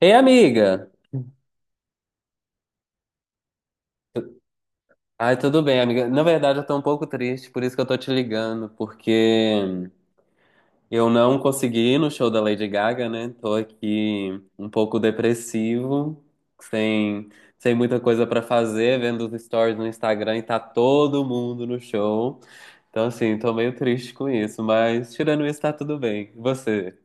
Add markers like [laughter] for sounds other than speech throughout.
Ei, amiga! Ai, tudo bem, amiga. Na verdade, eu tô um pouco triste, por isso que eu tô te ligando, porque eu não consegui ir no show da Lady Gaga, né? Tô aqui um pouco depressivo, sem, sem muita coisa pra fazer, vendo os stories no Instagram e tá todo mundo no show. Então, assim, tô meio triste com isso, mas tirando isso, tá tudo bem. E você?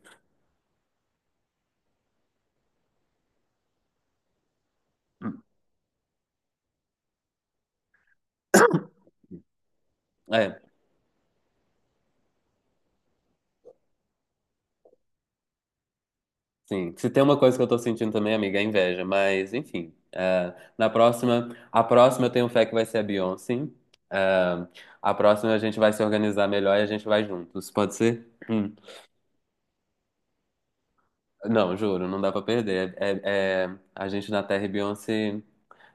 É. Sim, se tem uma coisa que eu tô sentindo também, amiga, é inveja, mas enfim. A próxima eu tenho fé que vai ser a Beyoncé. É, a próxima a gente vai se organizar melhor e a gente vai juntos, pode ser? Hum. Não, juro, não dá pra perder. É, é a gente na Terra e Beyoncé.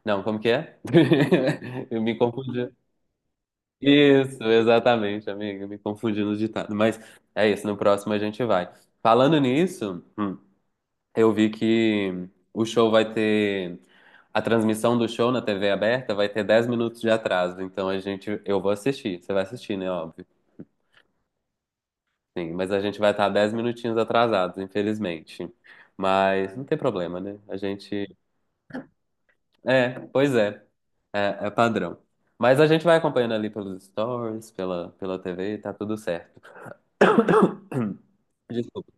Não, como que é? [laughs] Eu me confundi. Isso, exatamente, amiga, me confundi no ditado. Mas é isso, no próximo a gente vai. Falando nisso. Eu vi que o show vai ter. A transmissão do show na TV aberta vai ter 10 minutos de atraso. Então a gente. Eu vou assistir. Você vai assistir, né? Óbvio. Sim, mas a gente vai estar 10 minutinhos atrasados, infelizmente. Mas não tem problema, né? A gente. É, pois é. É, é padrão. Mas a gente vai acompanhando ali pelos stories, pela TV, tá tudo certo. [coughs] Desculpa.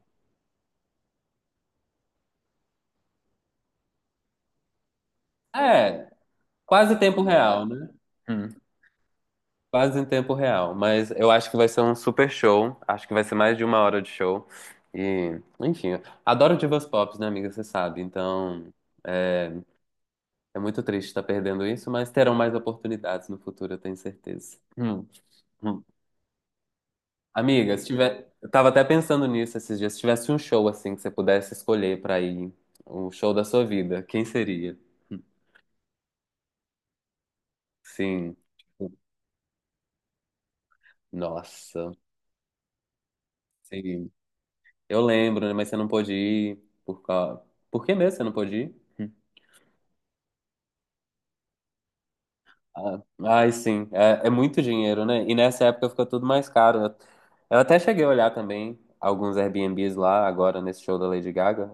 É, quase tempo real, né? Quase em tempo real, mas eu acho que vai ser um super show. Acho que vai ser mais de 1 hora de show. E, enfim, adoro divas pop, né, amiga? Você sabe. Então, é, é muito triste estar perdendo isso, mas terão mais oportunidades no futuro, eu tenho certeza. Hum. Amiga, se tiver, eu tava até pensando nisso esses dias. Se tivesse um show assim que você pudesse escolher pra ir, o show da sua vida, quem seria? Hum. Sim, tipo. Nossa. Sim. Eu lembro, né? Mas você não pôde ir por causa... Por que mesmo você não pôde ir? Hum. Ah, ai, sim. É, é muito dinheiro, né? E nessa época fica tudo mais caro. Eu até cheguei a olhar também alguns Airbnbs lá, agora nesse show da Lady Gaga.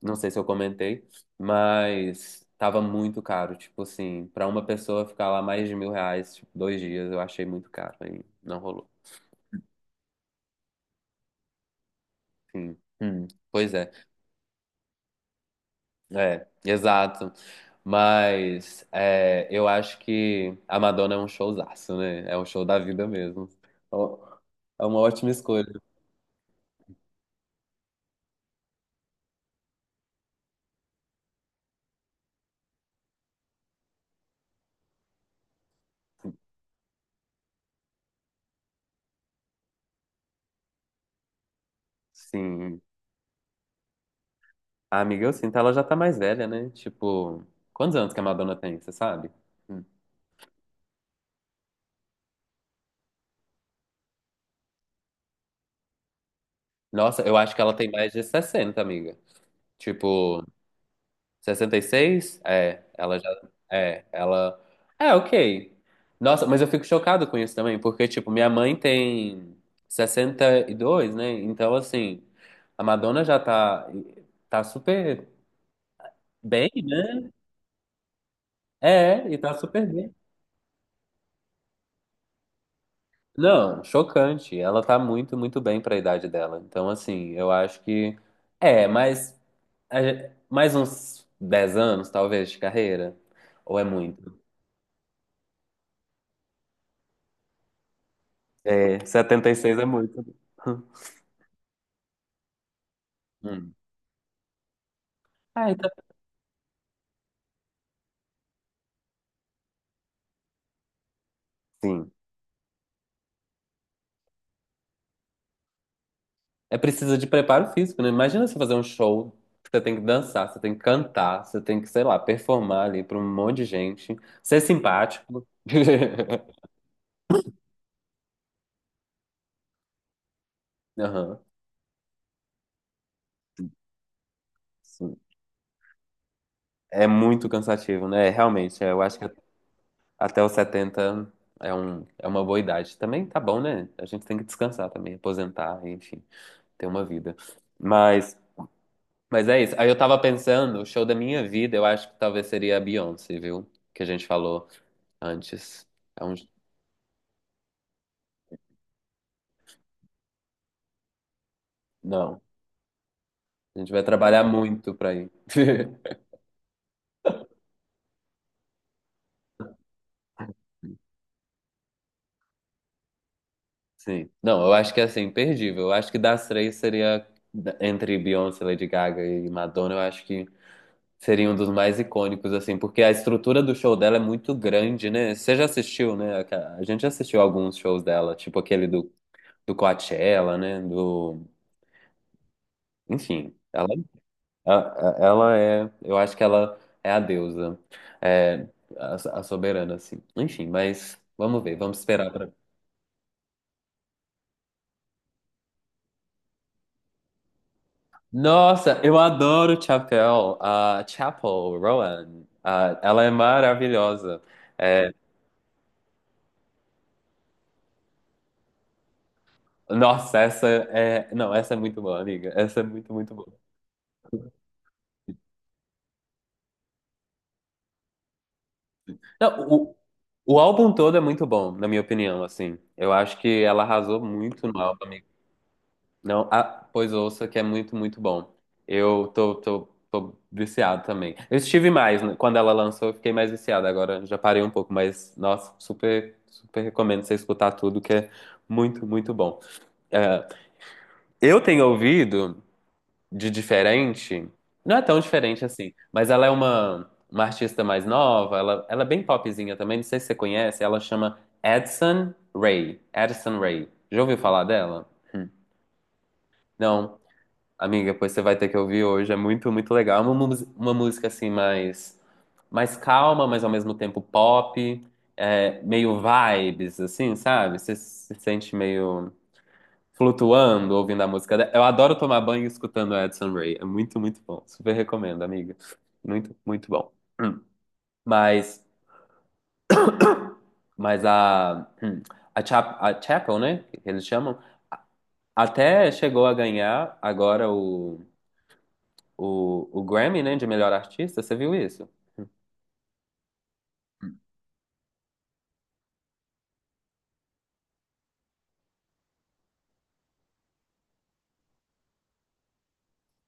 Não sei se eu comentei, mas tava muito caro. Tipo assim, pra uma pessoa ficar lá mais de 1.000 reais, tipo, 2 dias, eu achei muito caro. Aí não rolou. Sim. Hum. Pois é. É, exato. Mas é, eu acho que a Madonna é um showzaço, né? É um show da vida mesmo. Ó, é uma ótima escolha. Sim. A amiga, eu sinto, ela já tá mais velha, né? Tipo, quantos anos que a Madonna tem, você sabe? Hum. Nossa, eu acho que ela tem mais de 60 amiga. Tipo, 66, é, ela já. É, ela. É, ok. Nossa, mas eu fico chocado com isso também, porque, tipo, minha mãe tem 62, né? Então, assim, a Madonna já tá super bem, né? É, e tá super bem. Não, chocante. Ela tá muito, muito bem pra idade dela. Então, assim, eu acho que. É, mas. Mais uns 10 anos, talvez, de carreira? Ou é muito? É, 76 é muito. Hum. Ah, então. Sim. É preciso de preparo físico, né? Imagina você fazer um show, você tem que dançar, você tem que cantar, você tem que, sei lá, performar ali para um monte de gente, ser simpático. [laughs] Aham, sim. É muito cansativo, né? Realmente, eu acho que até os 70 é uma boa idade. Também tá bom, né? A gente tem que descansar também, aposentar, enfim, ter uma vida. Mas, mas é isso. Aí eu tava pensando, o show da minha vida, eu acho que talvez seria a Beyoncé, viu? Que a gente falou. Antes. É um... Não. A gente vai trabalhar muito pra ir. [laughs] Sim. Não, eu acho que é assim, imperdível. Eu acho que das três seria entre Beyoncé, Lady Gaga e Madonna, eu acho que seria um dos mais icônicos, assim, porque a estrutura do show dela é muito grande, né? Você já assistiu, né? A gente já assistiu alguns shows dela, tipo aquele do Coachella, né? Do... Enfim, ela. A- Ela é, eu acho que ela é a deusa, é a soberana, assim. Enfim, mas vamos ver, vamos esperar pra. Nossa, eu adoro Chapel, a Chapel Rowan, ela é maravilhosa. É, nossa, essa é, não, essa é muito boa, amiga, essa é muito, muito boa. Não, o álbum todo é muito bom, na minha opinião, assim. Eu acho que ela arrasou muito no álbum. Não, ah, pois ouça, que é muito, muito bom. Eu tô viciado também. Eu estive mais, né? Quando ela lançou, eu fiquei mais viciado. Agora já parei um pouco, mas, nossa, super, super recomendo você escutar tudo, que é muito, muito bom. É, eu tenho ouvido de diferente, não é tão diferente assim, mas ela é uma artista mais nova, ela é bem popzinha também, não sei se você conhece, ela chama Addison Rae. Addison Rae. Já ouviu falar dela? Não. Amiga, pois você vai ter que ouvir hoje. É muito, muito legal. É uma música assim mais, mais calma, mas ao mesmo tempo pop, é, meio vibes, assim, sabe? Você se sente meio flutuando ouvindo a música. Dela. Eu adoro tomar banho escutando Edson Ray. É muito, muito bom. Super recomendo, amiga. Muito, muito bom. Hum. Mas, mas a, hum, a Chapel, né? Que eles chamam, até chegou a ganhar agora o Grammy, né, de melhor artista, você viu isso?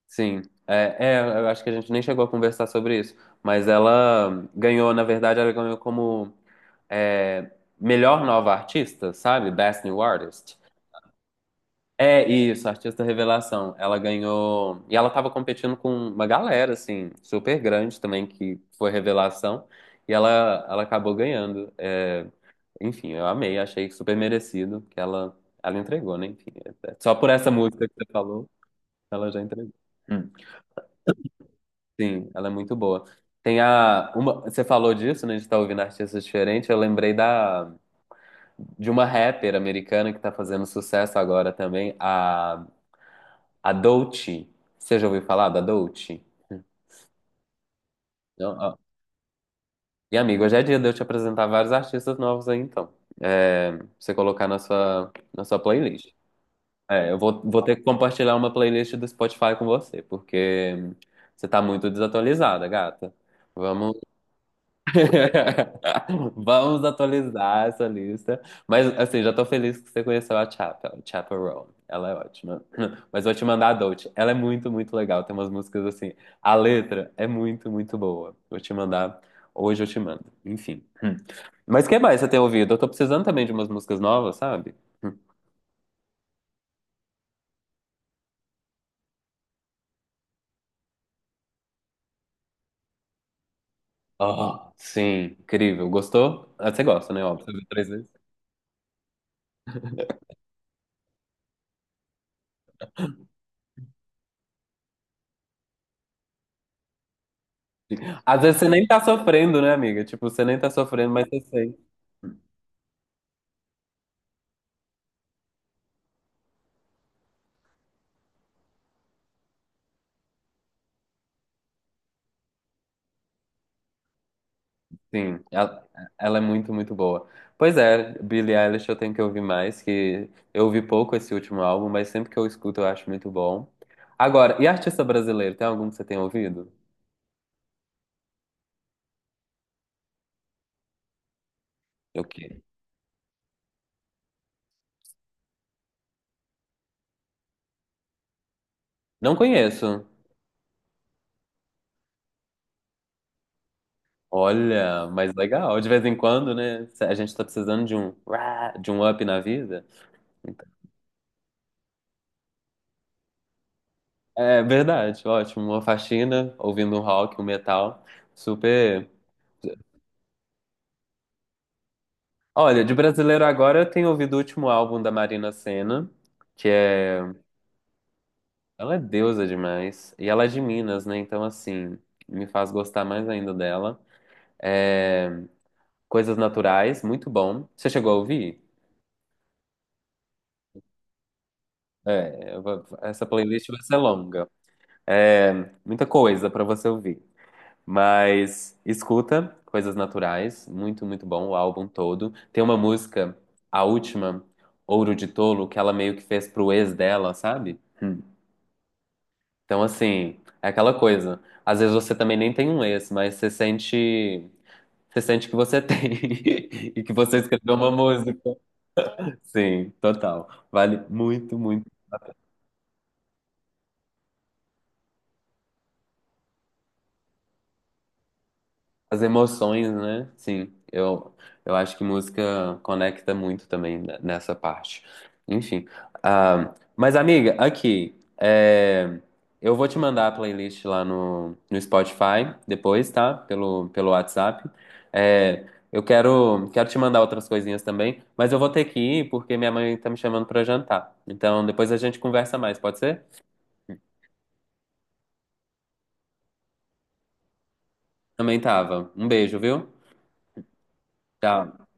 Sim, eu acho que a gente nem chegou a conversar sobre isso, mas ela ganhou, na verdade, ela ganhou como é, melhor nova artista, sabe? Best New Artist. É isso, artista revelação. Ela ganhou. E ela tava competindo com uma galera, assim, super grande também, que foi revelação. E ela acabou ganhando. É, enfim, eu amei, achei super merecido que ela entregou, né? Enfim, só por essa música que você falou, ela já entregou. Sim, ela é muito boa. Tem a uma, você falou disso, né? De estar ouvindo artistas diferentes. Eu lembrei da de uma rapper americana que tá fazendo sucesso agora também, a Doechii. Você já ouviu falar da Doechii? Não? Ó. E amigo, hoje é dia de eu te apresentar vários artistas novos aí, então. É, pra você colocar na sua playlist. É, eu vou ter que compartilhar uma playlist do Spotify com você, porque você tá muito desatualizada, gata. Vamos [laughs] vamos atualizar essa lista. Mas, assim, já tô feliz que você conheceu a Chapel, Chapel Roan. Ela é ótima. [laughs] Mas vou te mandar a Dolce. Ela é muito, muito legal. Tem umas músicas assim. A letra é muito, muito boa. Vou te mandar. Hoje eu te mando. Enfim. Hum. Mas o que mais você tem ouvido? Eu tô precisando também de umas músicas novas, sabe? Hum. Ah, sim. Incrível. Gostou? Ah, você gosta, né? Óbvio. Você ouviu 3 vezes. Às vezes você nem tá sofrendo, né, amiga? Tipo, você nem tá sofrendo, mas você sente. Sim, ela é muito, muito boa. Pois é, Billie Eilish eu tenho que ouvir mais, que eu ouvi pouco esse último álbum, mas sempre que eu escuto eu acho muito bom. Agora, e artista brasileiro, tem algum que você tenha ouvido? Eu que não conheço. Olha, mas legal, de vez em quando, né? A gente tá precisando de um up na vida. Então, é verdade, ótimo, uma faxina, ouvindo um rock, um metal, super. Olha, de brasileiro agora eu tenho ouvido o último álbum da Marina Sena, que é. Ela é deusa demais. E ela é de Minas, né? Então, assim, me faz gostar mais ainda dela. É, Coisas Naturais, muito bom. Você chegou a ouvir? É, essa playlist vai ser longa. É, muita coisa pra você ouvir. Mas escuta Coisas Naturais, muito, muito bom, o álbum todo. Tem uma música, a última, Ouro de Tolo, que ela meio que fez pro ex dela, sabe? Hum. Então, assim, é aquela coisa. Às vezes você também nem tem um ex, mas você sente que você tem [laughs] e que você escreveu uma música. Sim, total. Vale muito, muito. As emoções, né? Sim, eu acho que música conecta muito também nessa parte. Enfim. Ah, mas, amiga, aqui, é, eu vou te mandar a playlist lá no Spotify depois, tá? Pelo WhatsApp. É, eu quero te mandar outras coisinhas também, mas eu vou ter que ir porque minha mãe tá me chamando pra jantar. Então, depois a gente conversa mais, pode ser? Também tava. Um beijo, viu? Tchau.